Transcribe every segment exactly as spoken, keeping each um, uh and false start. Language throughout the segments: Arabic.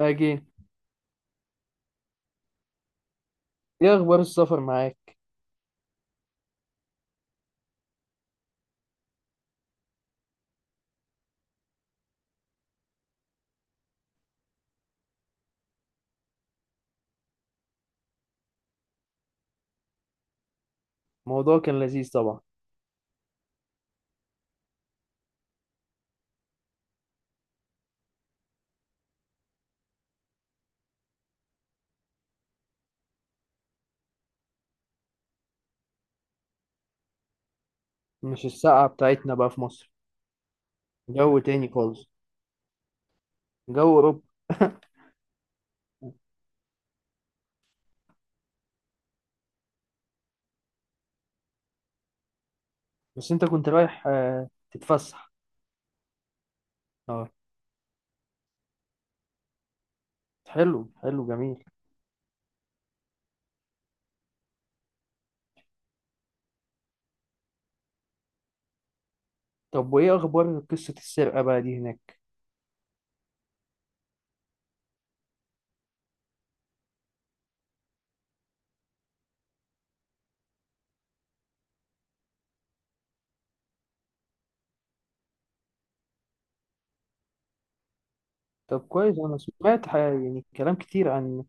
أجي، إيه أخبار السفر معاك؟ الموضوع كان لذيذ طبعا. مش السقعة بتاعتنا بقى في مصر. جو تاني خالص. جو أوروبا. بس أنت كنت رايح آه، تتفسح. أه، حلو حلو جميل. طب وإيه أخبار قصة السرقة بقى دي هناك؟ طب كويس، أنا سمعت ح- يعني كلام كتير عن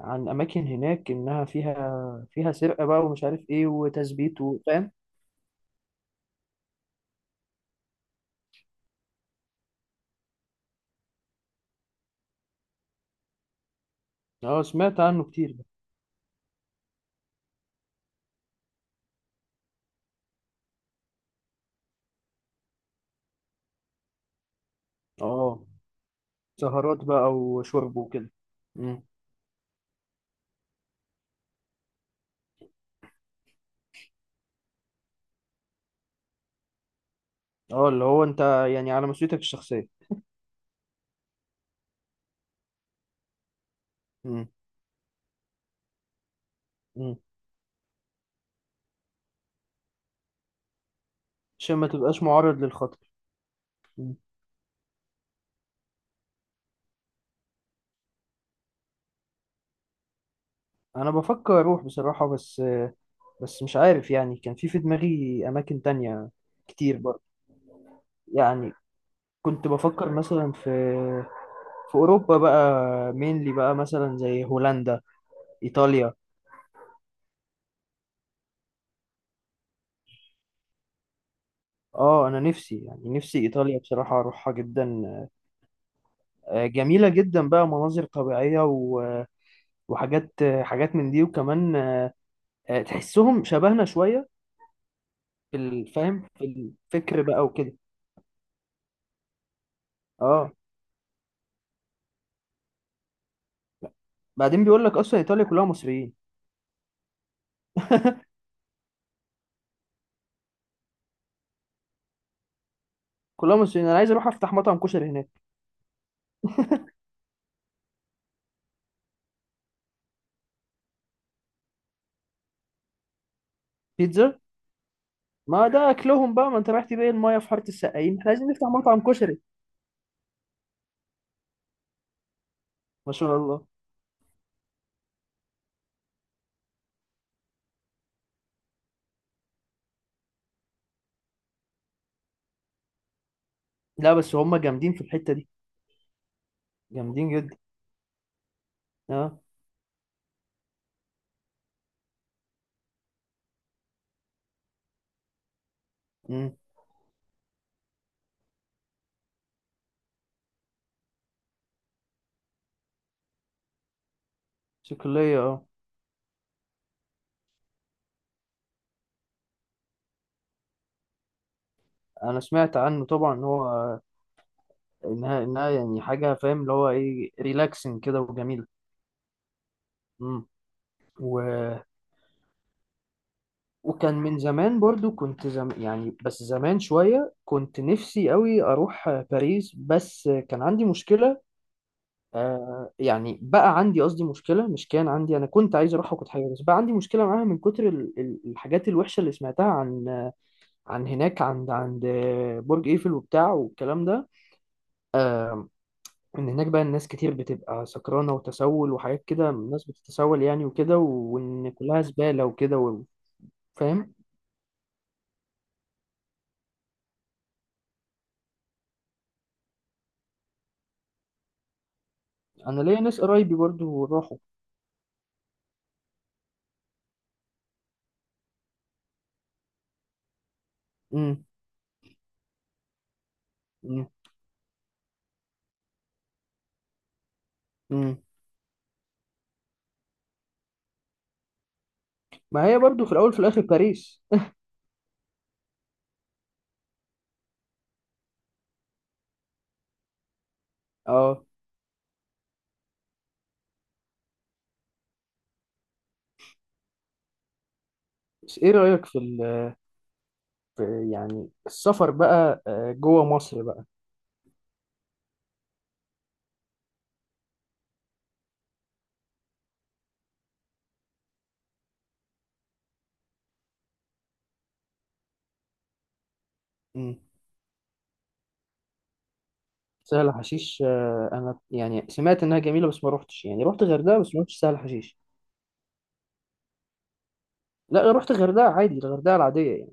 عن أماكن هناك إنها فيها فيها سرقة بقى ومش عارف إيه وتثبيت وفاهم. أه، سمعت عنه كتير ده. أه، سهرات بقى وشرب وكده. اه، اللي هو انت يعني على مسؤوليتك الشخصية. مم. مم. عشان ما تبقاش معرض للخطر. مم. انا بفكر اروح بصراحة، بس بس مش عارف. يعني كان في في دماغي اماكن تانية كتير برضه. يعني كنت بفكر مثلا في في اوروبا بقى، مينلي بقى مثلا زي هولندا، ايطاليا. اه، انا نفسي، يعني نفسي ايطاليا بصراحة اروحها جدا. آه، جميلة جدا بقى، مناظر طبيعية و- وحاجات حاجات من دي. وكمان آه، آه، تحسهم شبهنا شوية في الفهم، في الفكر بقى وكده. اه، بعدين بيقول لك اصلا ايطاليا كلها مصريين. كلها مصريين، انا عايز اروح افتح مطعم كشري هناك. بيتزا؟ ما ده اكلهم بقى، ما انت رحت بيه المايه في حاره السقايين، احنا عايزين نفتح مطعم كشري. ما شاء الله. لا بس هم جامدين في الحته دي. جامدين جدا. اه. امم. صقليه، اه. انا سمعت عنه طبعا، ان هو انها انها يعني حاجه، فاهم اللي هو ايه، ريلاكسنج كده وجميله. امم. و وكان من زمان برضو كنت زم يعني بس زمان شوية كنت نفسي قوي أروح آه، باريس. بس آه، كان عندي مشكلة. آه يعني بقى عندي، قصدي مشكلة، مش كان عندي. أنا كنت عايز أروح وكنت حاجة، بس بقى عندي مشكلة معاها من كتر ال- ال- الحاجات الوحشة اللي سمعتها عن آه، عن هناك، عند عند آه، برج إيفل وبتاع والكلام ده. آه إن هناك بقى الناس كتير بتبقى سكرانة وتسول وحاجات كده، الناس بتتسول يعني وكده، وإن كلها زبالة وكده و- فاهم. أنا ليا ناس قرايبي برضو راحوا. امم. امم. امم. ما هي برضو في الاول في الاخر باريس. اه، بس ايه رايك في, ال... في يعني السفر بقى آه، جوه مصر بقى. امم. سهل حشيش آه، انا يعني سمعت انها جميله، بس ما روحتش. يعني روحت غردقه بس ما روحتش سهل حشيش. لا، روحت غردقه عادي، الغردقه العاديه يعني،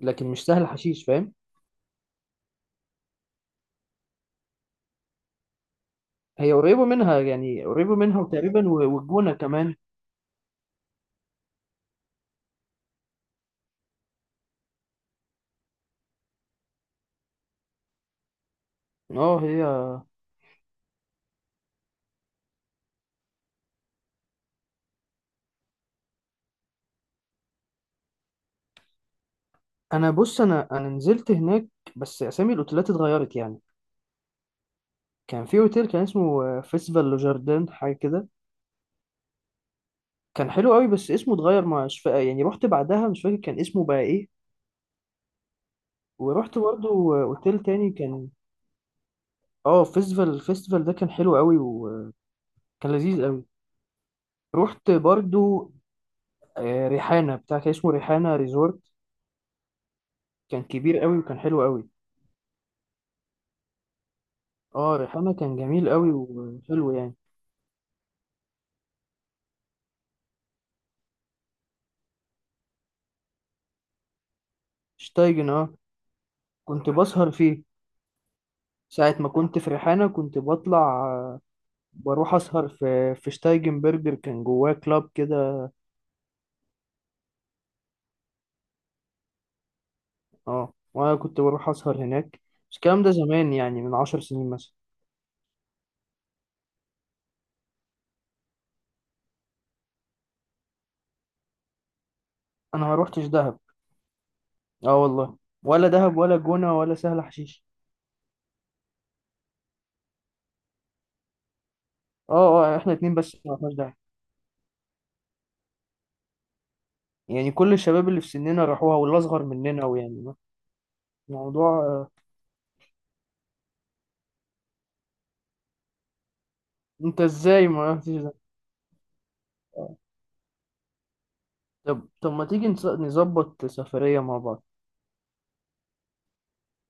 لكن مش سهل حشيش، فاهم. هي قريبه منها يعني، قريبه منها وتقريبا و- والجونه كمان. اه، هي. انا بص، انا انا نزلت هناك، بس اسامي الاوتيلات اتغيرت يعني. كان في اوتيل كان اسمه آه، فيستيفال لو جاردن حاجه كده. كان حلو قوي بس اسمه اتغير، مش فا... يعني رحت بعدها مش فاكر كان اسمه بقى ايه. ورحت برضو آه، اوتيل تاني كان. اه، فيستيفال الفيستيفال ده كان حلو قوي وكان لذيذ قوي. رحت برضو آه، ريحانه بتاع، كان اسمه ريحانه ريزورت، كان كبير قوي وكان حلو قوي. اه، ريحانه كان جميل قوي وحلو يعني. شتايجن، اه، كنت بسهر فيه ساعة ما كنت في ريحانة. كنت بطلع آه، بروح أسهر في في شتايجن برجر، كان جواه كلاب كده. اه، وانا كنت بروح اسهر هناك، بس الكلام ده زمان يعني، من عشر سنين مثلا. انا ما روحتش دهب. اه والله. ولا دهب ولا جونة ولا سهل حشيش. اه، اه، احنا اتنين بس ما رحناش دهب. يعني كل الشباب اللي في سننا راحوها واللي اصغر مننا ويعني الموضوع آه، انت ازاي ما رحتش ده؟ طب طب ما تيجي نس- نظبط سفرية مع بعض.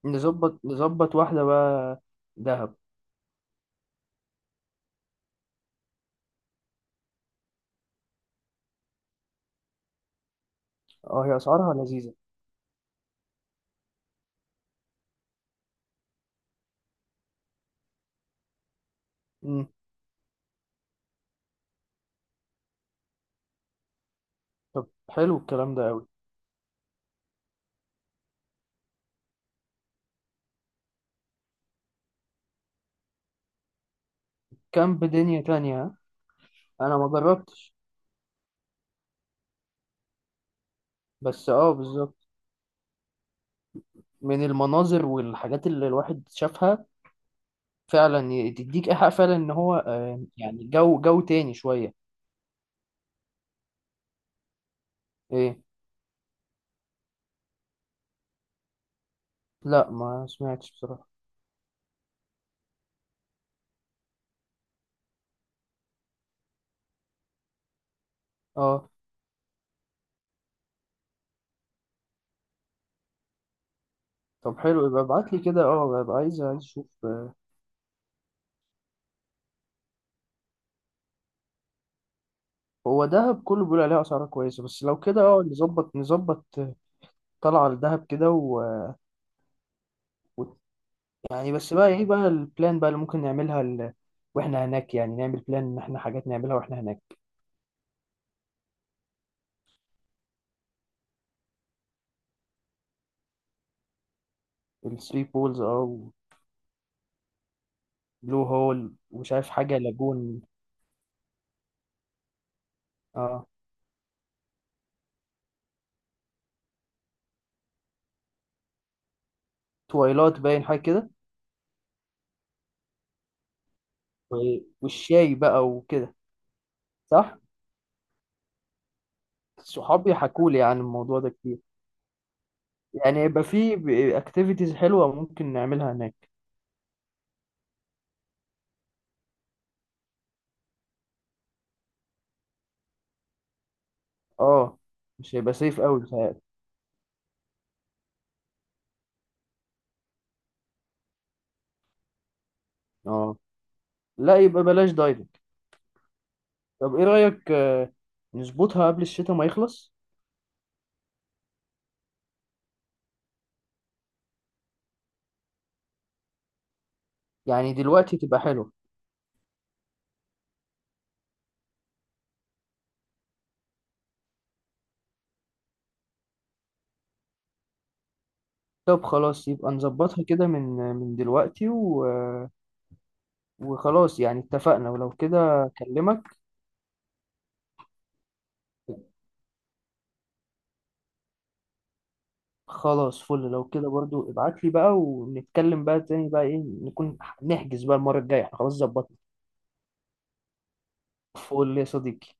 نظبط نظبط واحدة بقى، دهب. اه، هي أسعارها لذيذة. مم. طب حلو الكلام ده أوي. كامب، دنيا تانية ها؟ أنا ما جربتش. بس اه، بالظبط. من المناظر والحاجات اللي الواحد شافها فعلا، ي- تديك إيحاء فعلا إن هو آه، يعني جو جو تاني شوية. إيه؟ لا ما سمعتش بصراحة. أه، طب حلو، يبقى ابعت لي كده. أه، ببقى عايز عايز أشوف آه، هو دهب كله بيقول عليه أسعاره كويسة، بس لو كده أه نظبط نظبط آه، طلعة لدهب كده و... و... يعني، بس بقى إيه بقى البلان بقى اللي ممكن نعملها ال... وإحنا هناك. يعني نعمل بلان إن إحنا حاجات نعملها وإحنا هناك. الثري بولز، أه. بلو هول ومش عارف حاجة، لاجون. اه، تويلات، باين حاجة كده. و- والشاي بقى وكده. صح. صحابي حكوا لي عن الموضوع ده كتير. يعني يبقى في اكتيفيتيز حلوة ممكن نعملها هناك. اه، مش هيبقى سيف قوي بتهيألي. اه لا، يبقى بلاش دايفنج. طب ايه رأيك آه، نظبطها قبل الشتاء ما يخلص؟ يعني دلوقتي تبقى حلوة. طب خلاص، يبقى نظبطها كده من من دلوقتي و... آه، وخلاص يعني اتفقنا ولو كده. اكلمك. خلاص، فل لو كده برضو ابعت لي بقى، ونتكلم بقى تاني بقى ايه نكون. نحجز بقى المرة الجاية، احنا خلاص ظبطنا. فل يا صديقي.